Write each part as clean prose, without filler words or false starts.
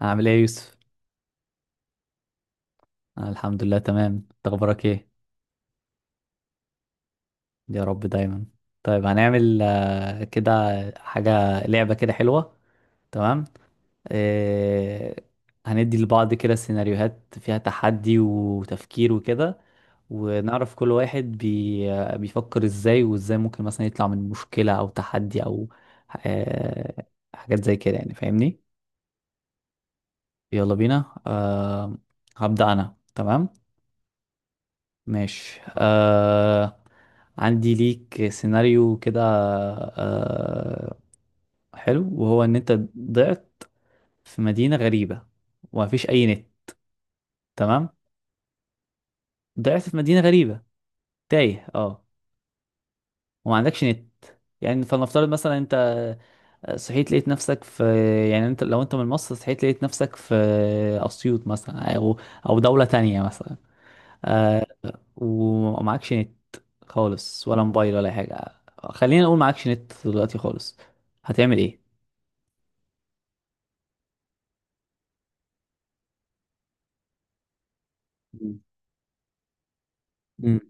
عامل ايه يا يوسف؟ أنا الحمد لله تمام، انت اخبارك ايه؟ يا رب دايما. طيب هنعمل كده. حاجة لعبة كده حلوة. تمام؟ آه، هندي لبعض كده سيناريوهات فيها تحدي وتفكير وكده، ونعرف كل واحد بي آه، بيفكر ازاي وازاي ممكن مثلا يطلع من مشكلة او تحدي او آه، حاجات زي كده يعني فاهمني؟ يلا بينا. هبدأ انا. تمام؟ ماشي. عندي ليك سيناريو كده. آه حلو وهو ان انت ضعت في مدينة غريبة ومفيش اي نت. تمام، ضعت في مدينة غريبة، تايه. اه وما عندكش نت، يعني فلنفترض مثلا انت صحيت لقيت نفسك في، يعني لو انت من مصر صحيت لقيت نفسك في اسيوط مثلا او دولة تانية مثلا. ومعكش نت خالص ولا موبايل ولا أي حاجة. خلينا نقول معكش نت دلوقتي خالص. هتعمل ايه؟ مم. مم.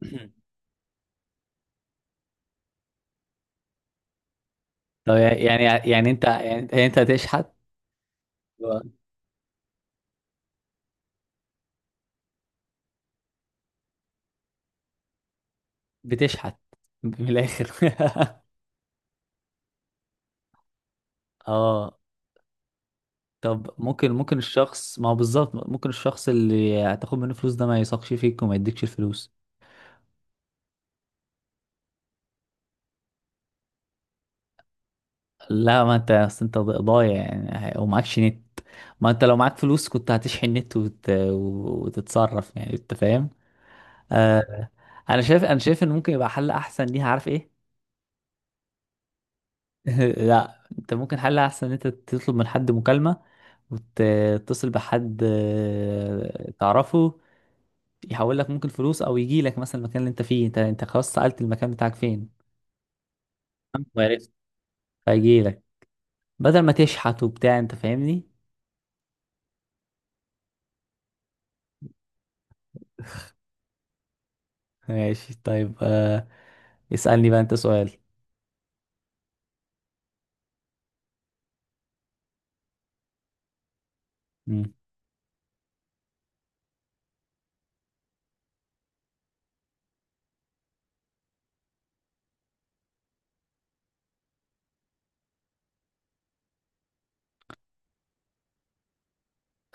طب يعني يعني انت، يعني انت هتشحت. بتشحت من الاخر. اه. طب ممكن الشخص، ما هو بالظبط ممكن الشخص اللي هتاخد منه فلوس ده ما يثقش فيك وما يديكش الفلوس. لا، ما انت اصل انت ضايع يعني ومعكش نت. ما انت لو معاك فلوس كنت هتشحن نت وتتصرف، يعني انت فاهم. آه انا شايف ان ممكن يبقى حل احسن ليها، عارف ايه؟ لا، انت ممكن حل احسن ان انت تطلب من حد مكالمة وتتصل بحد تعرفه، يحول لك ممكن فلوس او يجي لك مثلا المكان اللي انت فيه. انت خلاص سألت المكان بتاعك فين. تمام؟ وعرفت. فيجي لك بدل ما تشحت وبتاع، انت فاهمني. ماشي، طيب. اسألني بقى انت سؤال. مم.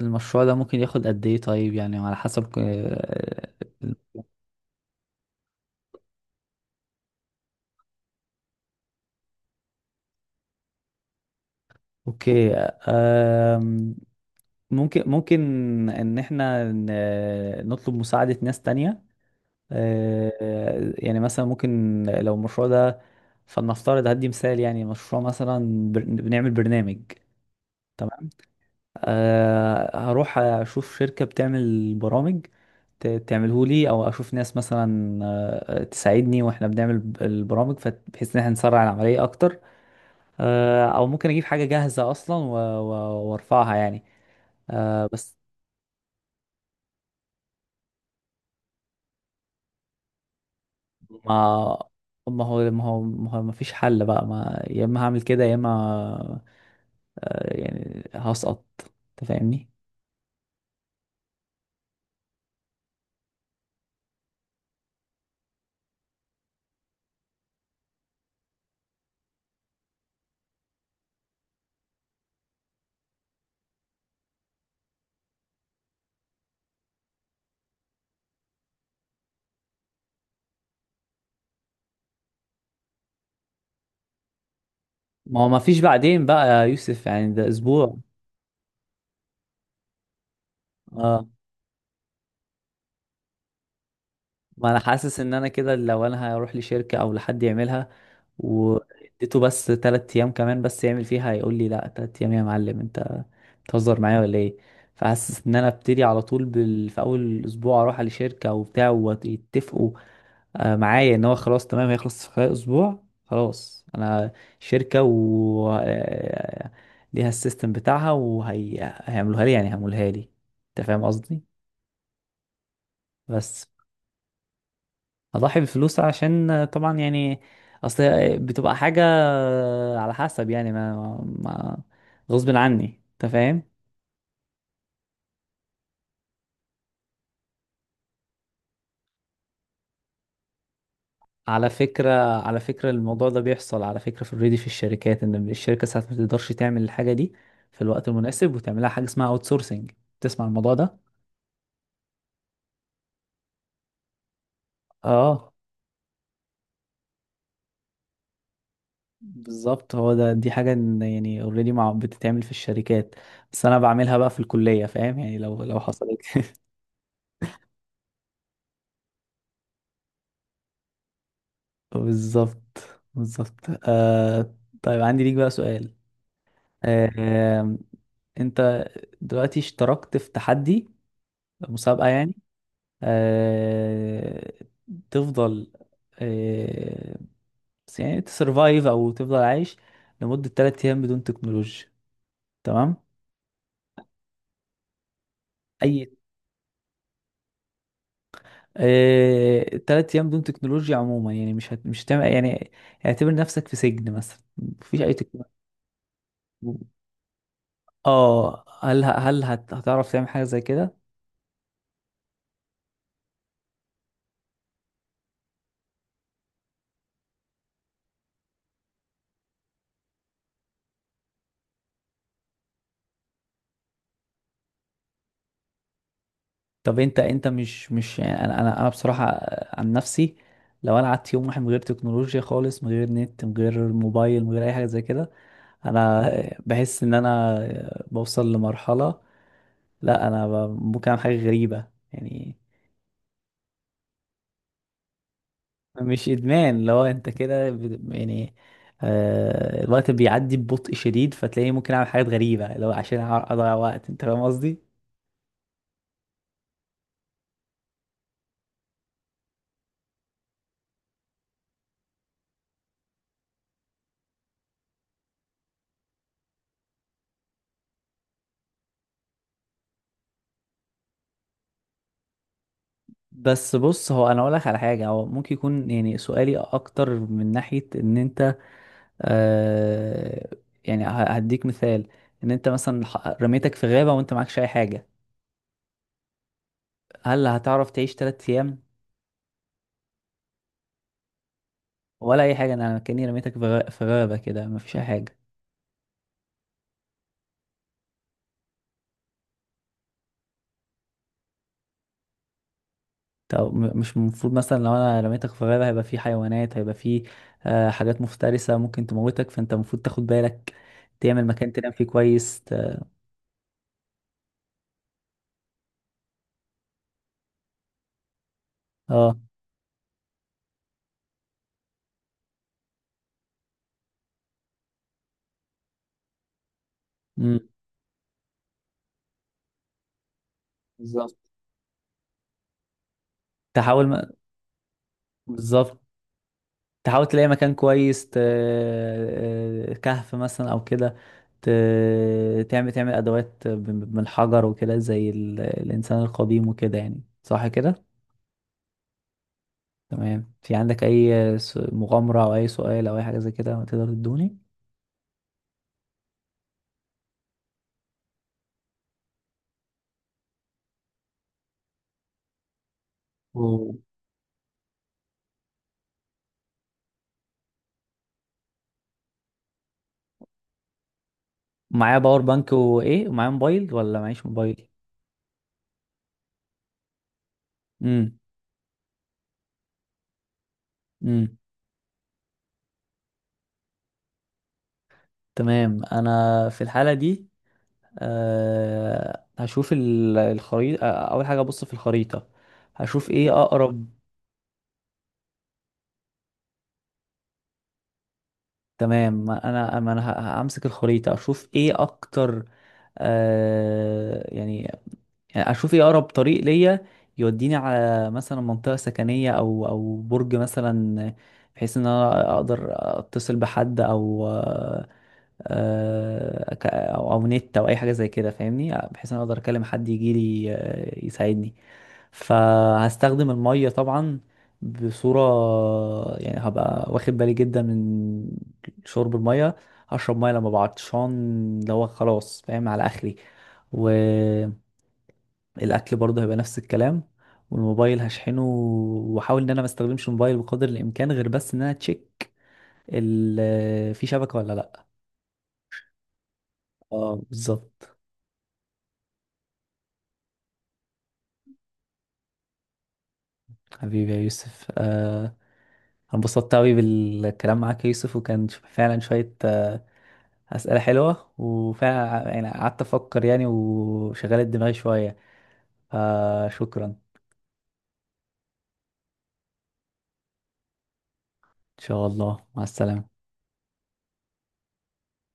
المشروع ده ممكن ياخد قد ايه؟ طيب يعني على حسب. اوكي. آه ممكن ان احنا نطلب مساعدة ناس تانية. يعني مثلا ممكن لو المشروع ده، فلنفترض هدي مثال يعني، مشروع مثلا بنعمل برنامج. تمام. هروح اشوف شركة بتعمل برامج تعمله لي، او اشوف ناس مثلا تساعدني واحنا بنعمل البرامج بحيث ان احنا نسرع العملية اكتر. او ممكن اجيب حاجة جاهزة اصلا وارفعها يعني. بس. ما ما هو ما فيش حل بقى، ما يا اما هعمل كده يا اما، يعني هسقط، انت فاهمني. ما هو ما فيش بعدين بقى يا يوسف، يعني ده اسبوع. اه. ما انا حاسس ان انا كده لو انا هروح لشركة او لحد يعملها، واديته بس تلات ايام كمان بس يعمل فيها، هيقول لي لا، تلات ايام يا معلم انت بتهزر معايا ولا ايه. فحاسس ان انا ابتدي على طول في اول اسبوع اروح على شركة وبتاع، ويتفقوا معايا ان هو خلاص تمام هيخلص في خلال اسبوع. خلاص انا شركة و آه، ليها السيستم بتاعها وهيعملوها لي، يعني هيعملوها لي. انت فاهم قصدي. بس اضحي بالفلوس عشان طبعا يعني، اصل هي بتبقى حاجة على حسب يعني، ما غصب عني، انت فاهم. على فكرة، الموضوع ده بيحصل على فكرة في اوريدي في الشركات، ان الشركة ساعات ما تقدرش تعمل الحاجة دي في الوقت المناسب، وتعملها حاجة اسمها اوت سورسنج. تسمع الموضوع ده. اه، بالظبط. هو ده. دي حاجة إن يعني اوريدي مع بتتعمل في الشركات، بس انا بعملها بقى في الكلية، فاهم يعني، لو حصلت. بالظبط. بالظبط. طيب عندي ليك بقى سؤال. آه انت دلوقتي اشتركت في تحدي، مسابقة يعني. آه تفضل. آه بس يعني تسرفايف او تفضل عايش لمدة 3 ايام بدون تكنولوجيا. تمام. اي. تلات أيام دون تكنولوجيا عموما يعني، مش هتعمل يعني. اعتبر نفسك في سجن مثلا، مفيش أي تكنولوجيا. اه، هل هتعرف تعمل حاجة زي كده؟ طب انت مش يعني انا بصراحة عن نفسي، لو انا قعدت يوم واحد من غير تكنولوجيا خالص، من غير نت، من غير موبايل، من غير اي حاجة زي كده، انا بحس ان انا بوصل لمرحلة، لا انا ممكن اعمل حاجة غريبة يعني. مش ادمان، لو انت كده يعني، الوقت بيعدي ببطء شديد، فتلاقيني ممكن اعمل حاجات غريبه، لو عشان اضيع وقت، انت فاهم قصدي. بس بص، هو انا اقول لك على حاجه، هو ممكن يكون يعني سؤالي اكتر من ناحيه ان انت، آه يعني هديك مثال. ان انت مثلا رميتك في غابه وانت معكش اي حاجه، هل هتعرف تعيش 3 ايام ولا اي حاجه، انا كاني رميتك في غابه كده مفيش اي حاجه. طب مش المفروض مثلا لو انا رميتك في غابة هيبقى في حيوانات، هيبقى في حاجات مفترسة ممكن تموتك، فانت المفروض تاخد بالك تعمل مكان تنام فيه كويس. اه. امم. بالظبط. تحاول م... بالظبط، تحاول تلاقي مكان كويس. كهف مثلا او كده ت... تعمل ادوات من الحجر وكده زي الانسان القديم وكده يعني، صح كده. تمام. في عندك اي مغامرة او اي سؤال او اي حاجة زي كده تقدر تدوني. معايا باور بانك وايه، ومعايا موبايل ولا معيش موبايل. امم. امم. تمام. انا في الحاله دي هشوف الخريطه. اول حاجه ابص في الخريطه، هشوف ايه اقرب. تمام، ما انا همسك الخريطه اشوف ايه اكتر. أه يعني يعني اشوف ايه اقرب طريق ليا يوديني على مثلا منطقه سكنيه او برج مثلا، بحيث ان انا اقدر اتصل بحد او آه، آه، ك- او أو نت او اي حاجه زي كده فاهمني، بحيث انا اقدر اكلم حد يجي لي يساعدني. فهستخدم الميه طبعا بصوره، يعني هبقى واخد بالي جدا من شرب الميه. هشرب ميه لما أبقى عطشان، اللي هو خلاص فاهم على اخري. والاكل برضه هيبقى نفس الكلام. والموبايل هشحنه، واحاول ان انا ما استخدمش الموبايل بقدر الامكان، غير بس ان انا تشيك في شبكه ولا لا. اه، بالظبط. حبيبي يا يوسف، أنا انبسطت أوي بالكلام معاك يا يوسف، وكان فعلا شوية أسئلة حلوة، وفعلا يعني قعدت أفكر يعني وشغلت دماغي شوية، فشكرا. إن شاء الله. مع السلامة.